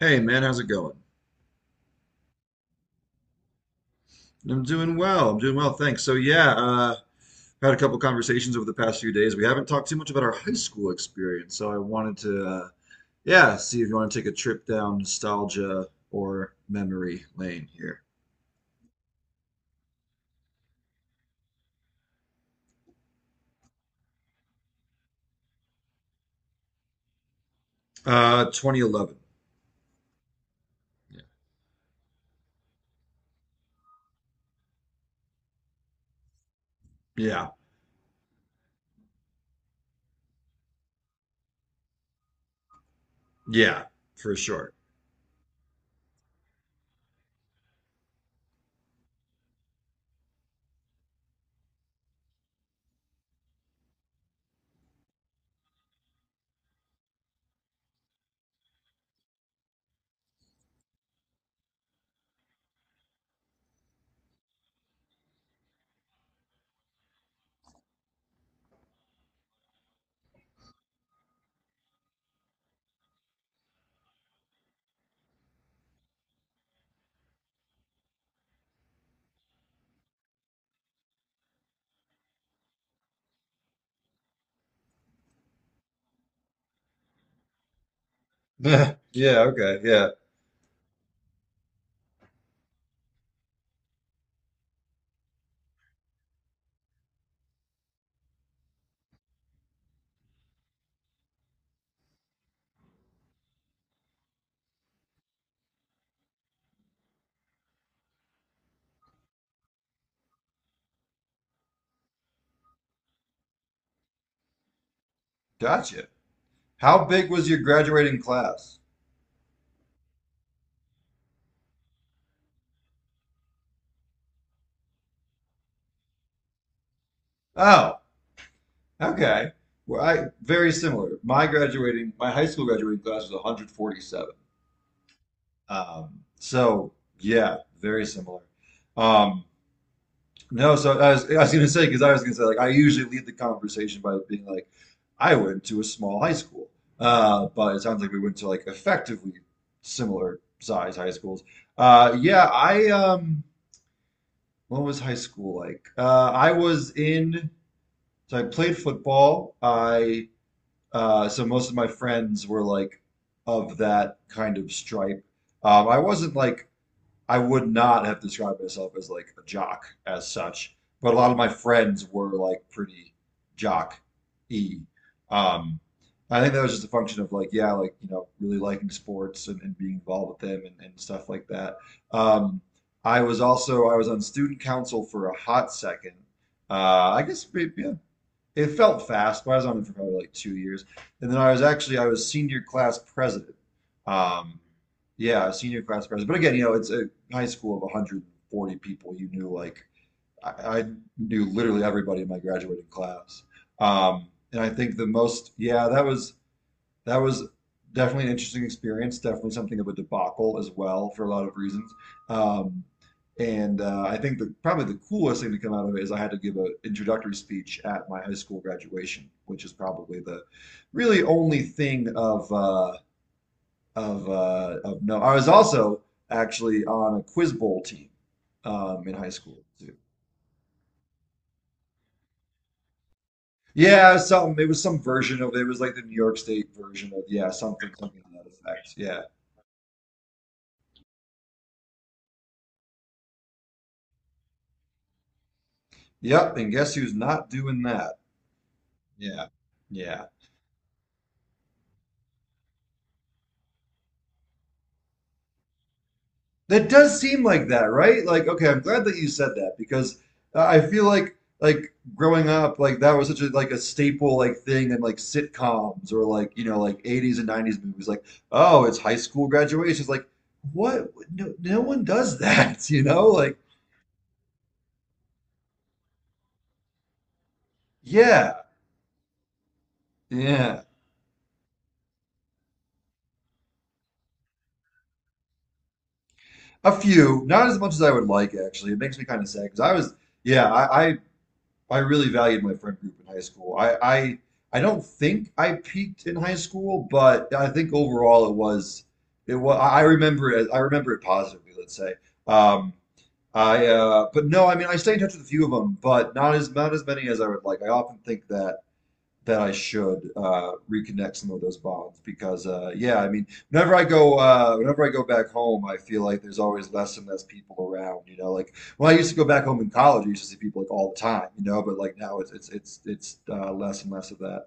Hey man, how's it going? I'm doing well. I'm doing well, thanks. So yeah, had a couple conversations over the past few days. We haven't talked too much about our high school experience, so I wanted to, yeah, see if you want to take a trip down nostalgia or memory lane here. 2011. Yeah, yeah, for sure. Yeah, okay, yeah. Gotcha. How big was your graduating class? Oh, okay. Well, I very similar. My high school graduating class was 147. So yeah, very similar. Um, no, so I was gonna say because I was gonna say like I usually lead the conversation by being like, I went to a small high school, but it sounds like we went to like effectively similar size high schools. Yeah, I what was high school like? I was in, so I played football. I so most of my friends were like of that kind of stripe. I wasn't like I would not have described myself as like a jock as such, but a lot of my friends were like pretty jock-y. Um, I think that was just a function of like, yeah, like, you know, really liking sports and, being involved with them and, stuff like that. Um, I was on student council for a hot second. I guess maybe, yeah, it felt fast, but I was on it for probably like 2 years. And then I was senior class president. Um, yeah, senior class president. But again, you know, it's a high school of 140 people. You knew like I, I knew literally everybody in my graduating class. And I think the most, yeah, that was definitely an interesting experience. Definitely something of a debacle as well for a lot of reasons. Um, and I think the probably the coolest thing to come out of it is I had to give an introductory speech at my high school graduation, which is probably the really only thing of no. I was also actually on a quiz bowl team in high school too. Yeah, something. It was some version of it was like the New York State version of yeah, something something to that effect. Yeah. Yep, and guess who's not doing that? Yeah. Yeah. That does seem like that, right? Like, okay, I'm glad that you said that because I feel like growing up, like that was such a like a staple like thing in like sitcoms or like you know like 80s and 90s movies. Like, oh, it's high school graduation. It's like, what? No, no one does that, you know? Like, yeah, yeah, a few, not as much as I would like actually. It makes me kind of sad because I was, yeah, I really valued my friend group in high school. I don't think I peaked in high school, but I think overall it was I remember it I Remember it positively, let's say. Um, I but no, I mean I stay in touch with a few of them, but not as not as many as I would like. I often think that I should reconnect some of those bonds because yeah, I mean, whenever I go whenever I go back home, I feel like there's always less and less people around. You know, like when I used to go back home in college, I used to see people like all the time. You know, but like now it's less and less of that.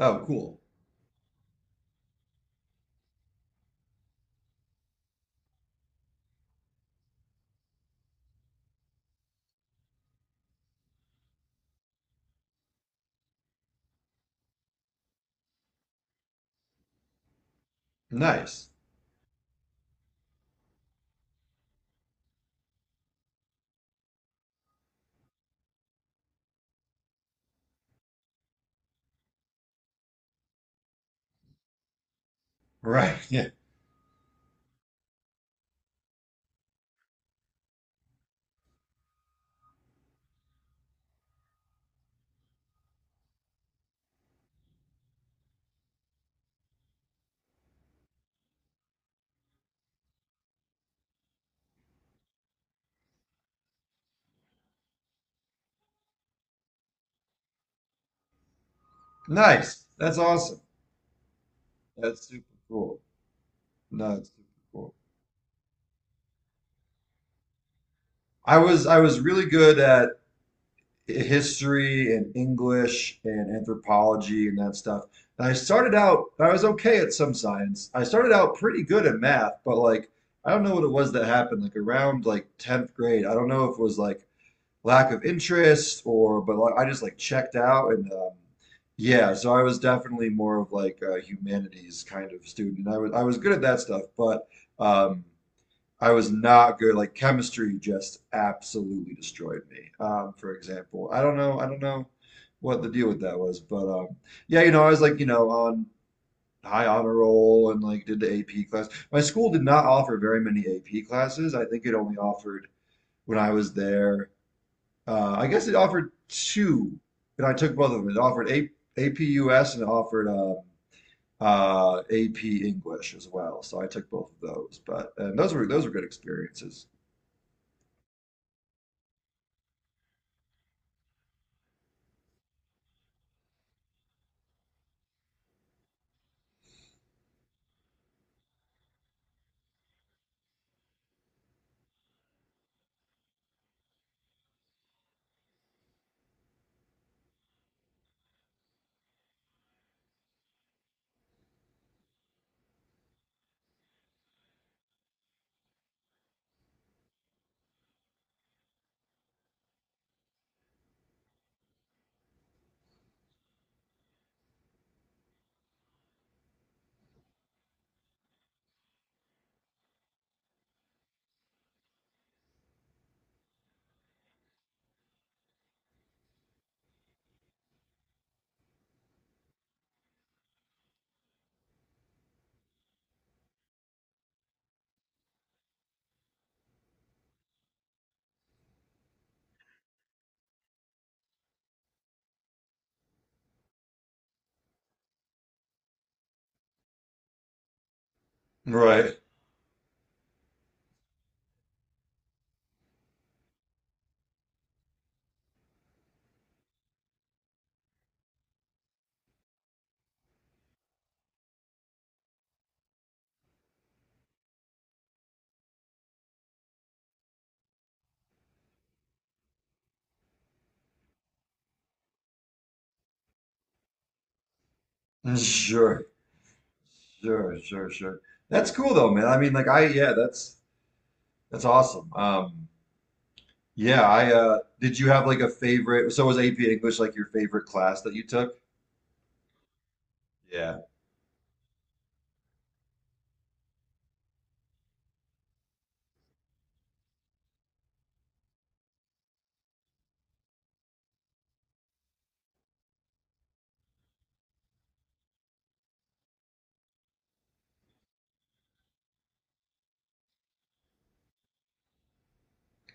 Oh, cool, nice, right? Yeah, nice. That's awesome. That's super cool. No, it's super cool. I was really good at history and English and anthropology and that stuff. And I started out, I was okay at some science. I started out pretty good at math, but like, I don't know what it was that happened. Like around like 10th grade, I don't know if it was like lack of interest or, but like, I just like checked out and yeah, so I was definitely more of like a humanities kind of student. I was good at that stuff, but um, I was not good. Like chemistry just absolutely destroyed me. For example, I don't know what the deal with that was, but yeah, you know, I was like, you know, on high honor roll and like did the AP class. My school did not offer very many AP classes. I think it only offered when I was there. I guess it offered two, and I took both of them. It offered A AP US and it offered AP English as well. So I took both of those, but and those were good experiences. Right. Sure. Sure. Sure. Sure. That's cool though, man. I mean, like I yeah, that's awesome. Yeah, I did you have like a favorite so was AP English like your favorite class that you took? Yeah.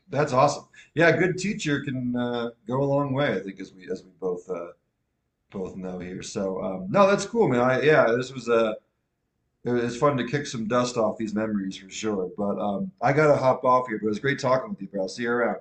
That's awesome. Yeah, a good teacher can go a long way, I think as we both both know here. So no, that's cool, man. I yeah, this was it was fun to kick some dust off these memories for sure. But I gotta hop off here, but it was great talking with you, bro. I'll see you around.